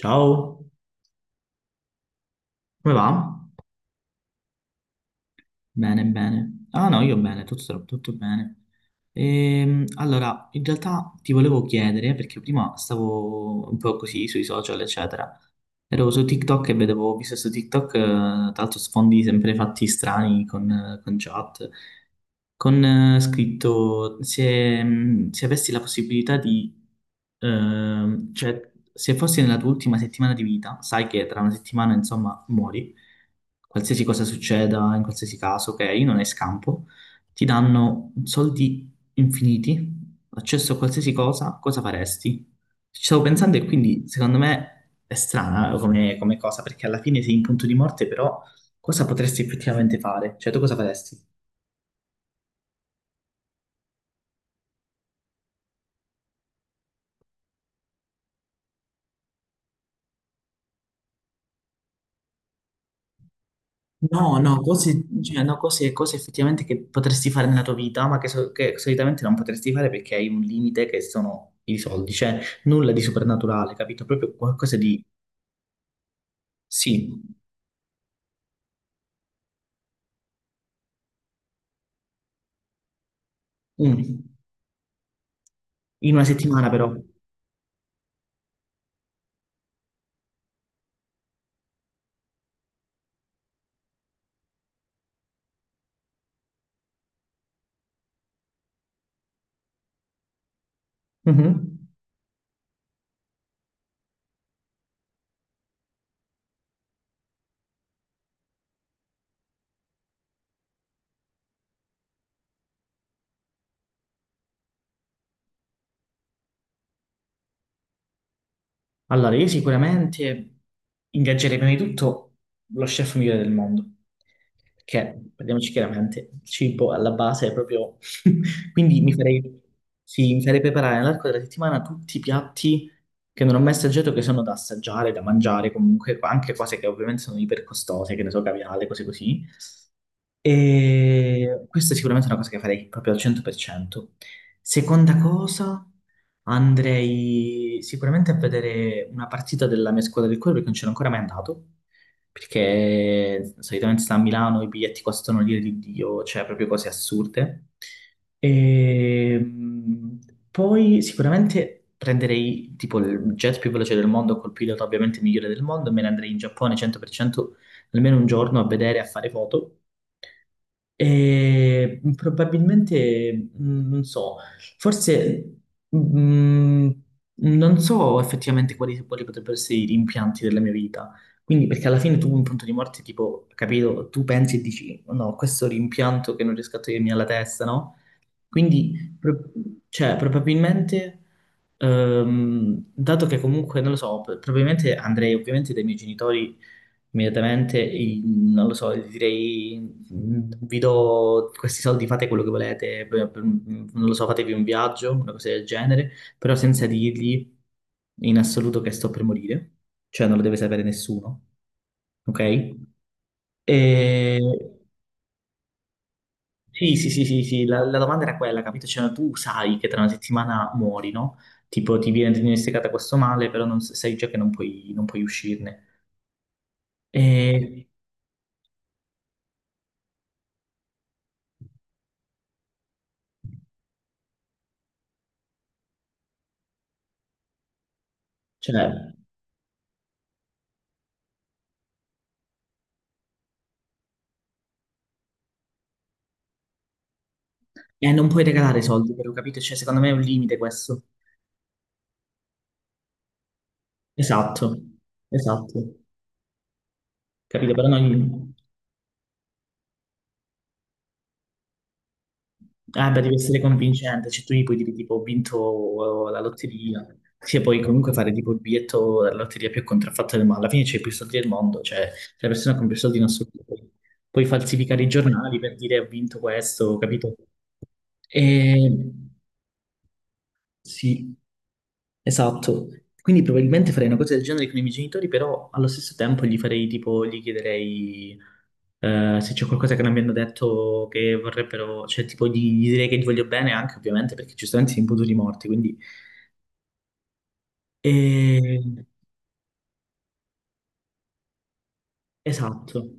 Ciao, come va? Bene, bene. Ah no, io bene, tutto bene. Allora, in realtà ti volevo chiedere, perché prima stavo un po' così sui social, eccetera. Ero su TikTok e ho visto su TikTok, tra l'altro sfondi sempre fatti strani con chat. Con scritto, se avessi la possibilità di, cioè, se fossi nella tua ultima settimana di vita, sai che tra una settimana, insomma, muori, qualsiasi cosa succeda, in qualsiasi caso, ok, non hai scampo, ti danno soldi infiniti, accesso a qualsiasi cosa, cosa faresti? Ci stavo pensando e quindi, secondo me, è strana come cosa, perché alla fine sei in punto di morte, però cosa potresti effettivamente fare? Cioè, tu cosa faresti? No, no, cose, cioè, no, cose effettivamente che potresti fare nella tua vita, ma che, che solitamente non potresti fare perché hai un limite che sono i soldi, cioè nulla di soprannaturale, capito? Proprio qualcosa di, sì, mm, in una settimana però. Mhm. Allora, io sicuramente ingaggerei prima di tutto lo chef migliore del mondo, perché, parliamoci chiaramente, il cibo alla base è proprio... Quindi sì, mi farei preparare nell'arco della settimana tutti i piatti che non ho mai assaggiato, che sono da assaggiare, da mangiare, comunque anche cose che ovviamente sono ipercostose, che ne so, caviale, cose così. E questa è sicuramente una cosa che farei proprio al 100%. Seconda cosa, andrei sicuramente a vedere una partita della mia squadra del cuore perché non c'ero ancora mai andato. Perché solitamente sta a Milano, i biglietti costano l'ira di Dio, cioè proprio cose assurde. E poi sicuramente prenderei tipo il jet più veloce del mondo, col pilota ovviamente migliore del mondo, e me ne andrei in Giappone 100% almeno un giorno a vedere, a fare foto. E probabilmente, non so, forse mh, non so effettivamente quali, quali potrebbero essere i rimpianti della mia vita. Quindi, perché alla fine tu un punto di morte, tipo, capito, tu pensi e dici, no, questo rimpianto che non riesco a togliermi alla testa, no? Quindi, cioè, probabilmente, dato che comunque, non lo so, probabilmente andrei ovviamente dai miei genitori immediatamente, non lo so, gli direi, vi do questi soldi, fate quello che volete, non lo so, fatevi un viaggio, una cosa del genere, però senza dirgli in assoluto che sto per morire, cioè non lo deve sapere nessuno, ok? E... Sì, sì, sì, sì, sì, la domanda era quella, capito? Cioè, tu sai che tra una settimana muori, no? Tipo, ti viene diagnosticata questo male, però non, sai già che non puoi, uscirne. E, cioè, non puoi regalare i soldi, però, capito? Cioè, secondo me è un limite questo. Esatto, esatto, capito? Però non... beh, devi essere convincente, cioè tu gli puoi dire tipo ho vinto la lotteria, se puoi comunque fare tipo il biglietto della lotteria più contraffatta del mondo, alla fine c'è più soldi del mondo, cioè se la persona con più soldi in assoluto puoi falsificare i giornali per dire ho vinto questo, capito? E... Sì, esatto. Quindi probabilmente farei una cosa del genere con i miei genitori, però allo stesso tempo gli farei tipo, gli chiederei se c'è qualcosa che non mi hanno detto che vorrebbero, cioè tipo gli direi che gli voglio bene anche ovviamente perché giustamente sono imputati morti, quindi... E- Esatto.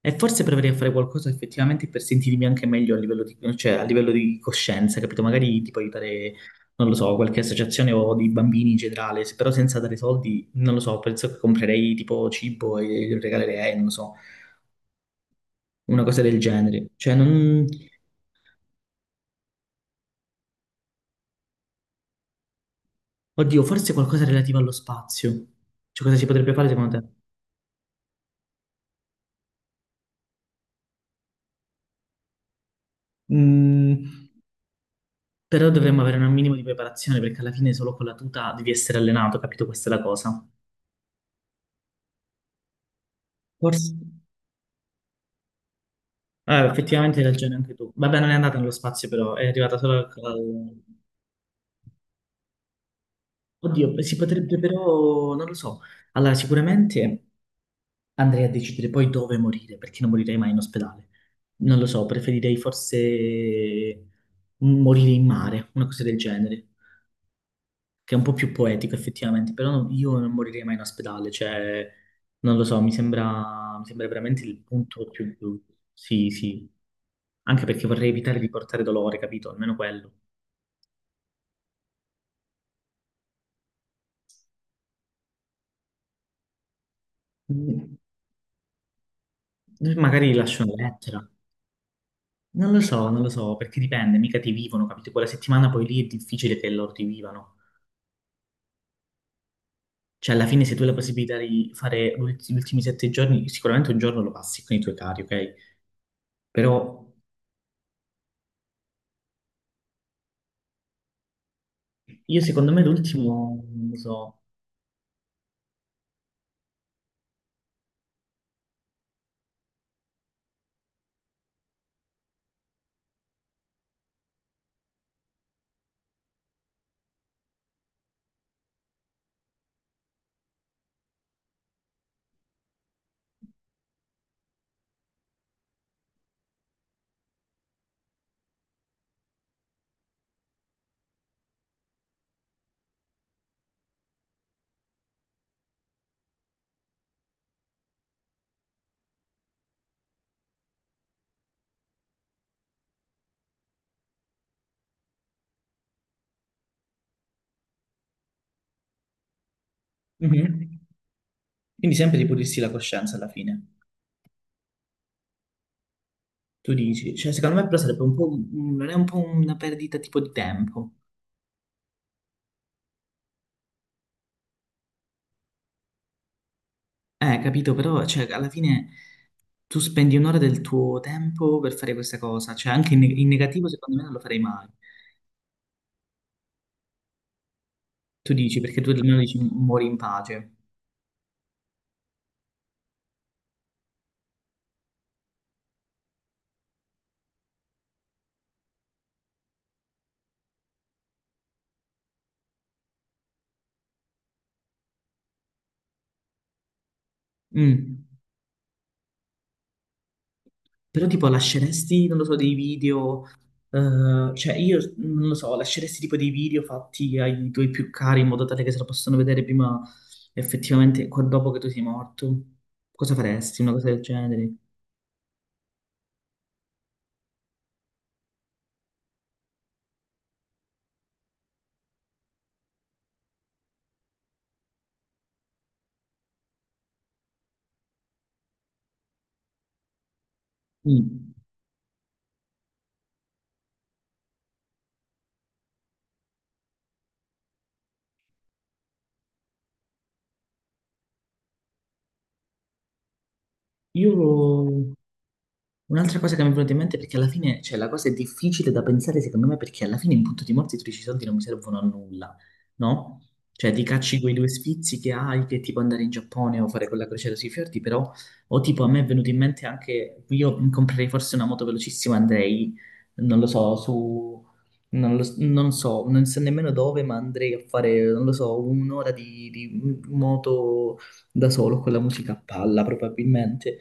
E forse proverei a fare qualcosa effettivamente per sentirmi anche meglio a livello di, cioè, a livello di coscienza, capito? Magari tipo aiutare, non lo so, qualche associazione o dei bambini in generale, però senza dare soldi, non lo so, penso che comprerei tipo cibo e lo regalerei, non lo so, una cosa del genere. Cioè, non... Oddio, forse qualcosa relativo allo spazio. Cioè, cosa si potrebbe fare secondo te? Mm, però dovremmo avere un minimo di preparazione perché alla fine solo con la tuta devi essere allenato, capito? Questa è la cosa. Forse. Ah, effettivamente hai ragione anche tu. Vabbè, non è andata nello spazio, però è arrivata solo. Oddio, si potrebbe però, non lo so. Allora, sicuramente andrei a decidere poi dove morire, perché non morirei mai in ospedale. Non lo so, preferirei forse morire in mare, una cosa del genere, che è un po' più poetico effettivamente, però io non morirei mai in ospedale, cioè, non lo so, mi sembra veramente il punto Sì, sì, anche perché vorrei evitare di portare dolore, capito? Almeno quello. Magari lascio una lettera. Non lo so, perché dipende, mica ti vivono, capito? Quella settimana poi lì è difficile che loro ti vivano. Cioè, alla fine, se tu hai la possibilità di fare gli ultimi 7 giorni, sicuramente un giorno lo passi con i tuoi cari, ok? Però io, secondo me, l'ultimo, non lo so. Mhm. Quindi sempre di pulirsi la coscienza alla fine. Tu dici, cioè, secondo me però sarebbe un po', non è un po' una perdita tipo di tempo. Capito, però cioè, alla fine tu spendi un'ora del tuo tempo per fare questa cosa, cioè anche in negativo secondo me non lo farei mai. Tu dici, perché tu almeno dici muori in pace. Mm. Però tipo lasceresti, non lo so, dei video, cioè io non lo so, lasceresti tipo dei video fatti ai tuoi più cari in modo tale che se lo possano vedere prima effettivamente dopo che tu sei morto? Cosa faresti? Una cosa del genere? Mm. Io... Un'altra cosa che mi è venuta in mente è perché alla fine, cioè la cosa è difficile da pensare secondo me perché alla fine in punto di morte tu dici i soldi non mi servono a nulla, no? Cioè ti cacci quei due sfizi che hai che tipo andare in Giappone o fare quella crociera sui fiordi, però o tipo a me è venuto in mente anche io comprerei forse una moto velocissima, andrei, non lo so, su non lo s- non so nemmeno dove, ma andrei a fare, non lo so, un'ora di moto da solo con la musica a palla probabilmente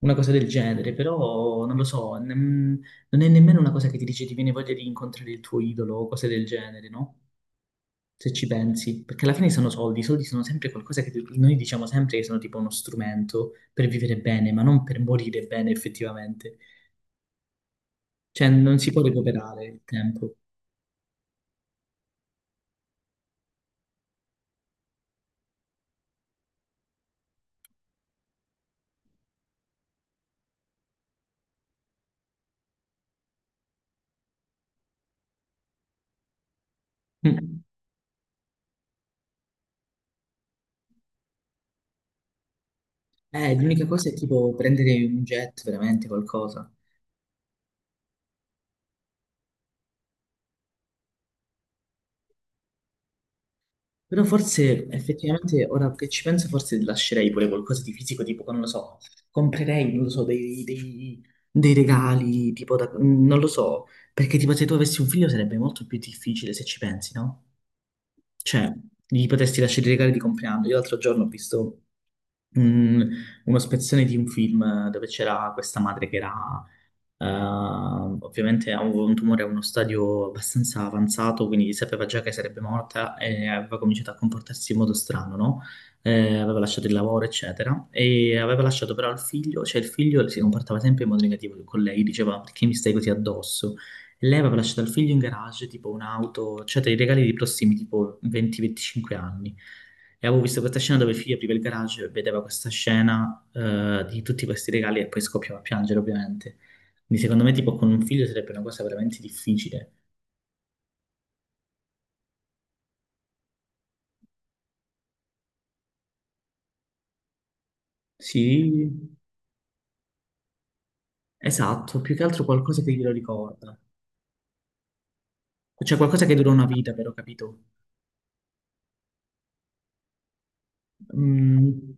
una cosa del genere, però non lo so, non è nemmeno una cosa che ti dice ti viene voglia di incontrare il tuo idolo o cose del genere, no? Se ci pensi, perché alla fine sono soldi, i soldi sono sempre qualcosa che noi diciamo sempre che sono tipo uno strumento per vivere bene, ma non per morire bene effettivamente. Cioè non si può recuperare il tempo. Mm. L'unica cosa è tipo prendere un jet, veramente qualcosa. Però forse effettivamente, ora che ci penso, forse lascerei pure qualcosa di fisico, tipo, che non lo so, comprerei, non lo so, dei regali, tipo, non lo so, perché tipo se tu avessi un figlio sarebbe molto più difficile se ci pensi, no? Cioè, gli potresti lasciare i regali di compleanno. Io l'altro giorno ho visto mm, uno spezzone di un film dove c'era questa madre che era ovviamente avevo un tumore a uno stadio abbastanza avanzato, quindi sapeva già che sarebbe morta e aveva cominciato a comportarsi in modo strano, no? Aveva lasciato il lavoro, eccetera, e aveva lasciato però il figlio, cioè il figlio si comportava sempre in modo negativo con lei, diceva perché mi stai così addosso? E lei aveva lasciato il figlio in garage, tipo un'auto, cioè dei regali di prossimi tipo 20-25 anni. E avevo visto questa scena dove il figlio apriva il garage, vedeva questa scena di tutti questi regali e poi scoppiava a piangere, ovviamente. Quindi secondo me tipo con un figlio sarebbe una cosa veramente difficile. Sì, esatto, più che altro qualcosa che glielo ricorda. Cioè qualcosa che dura una vita, però, capito? Mm,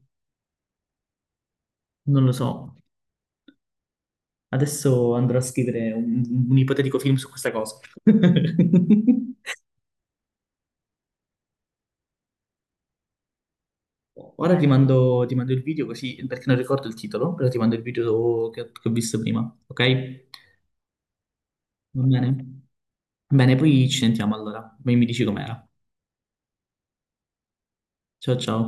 non lo so. Adesso andrò a scrivere un ipotetico film su questa cosa. Ora ti mando il video così, perché non ricordo il titolo, però ti mando il video che ho visto prima, ok? Va bene? Bene, poi ci sentiamo allora. Poi mi dici com'era. Ciao ciao.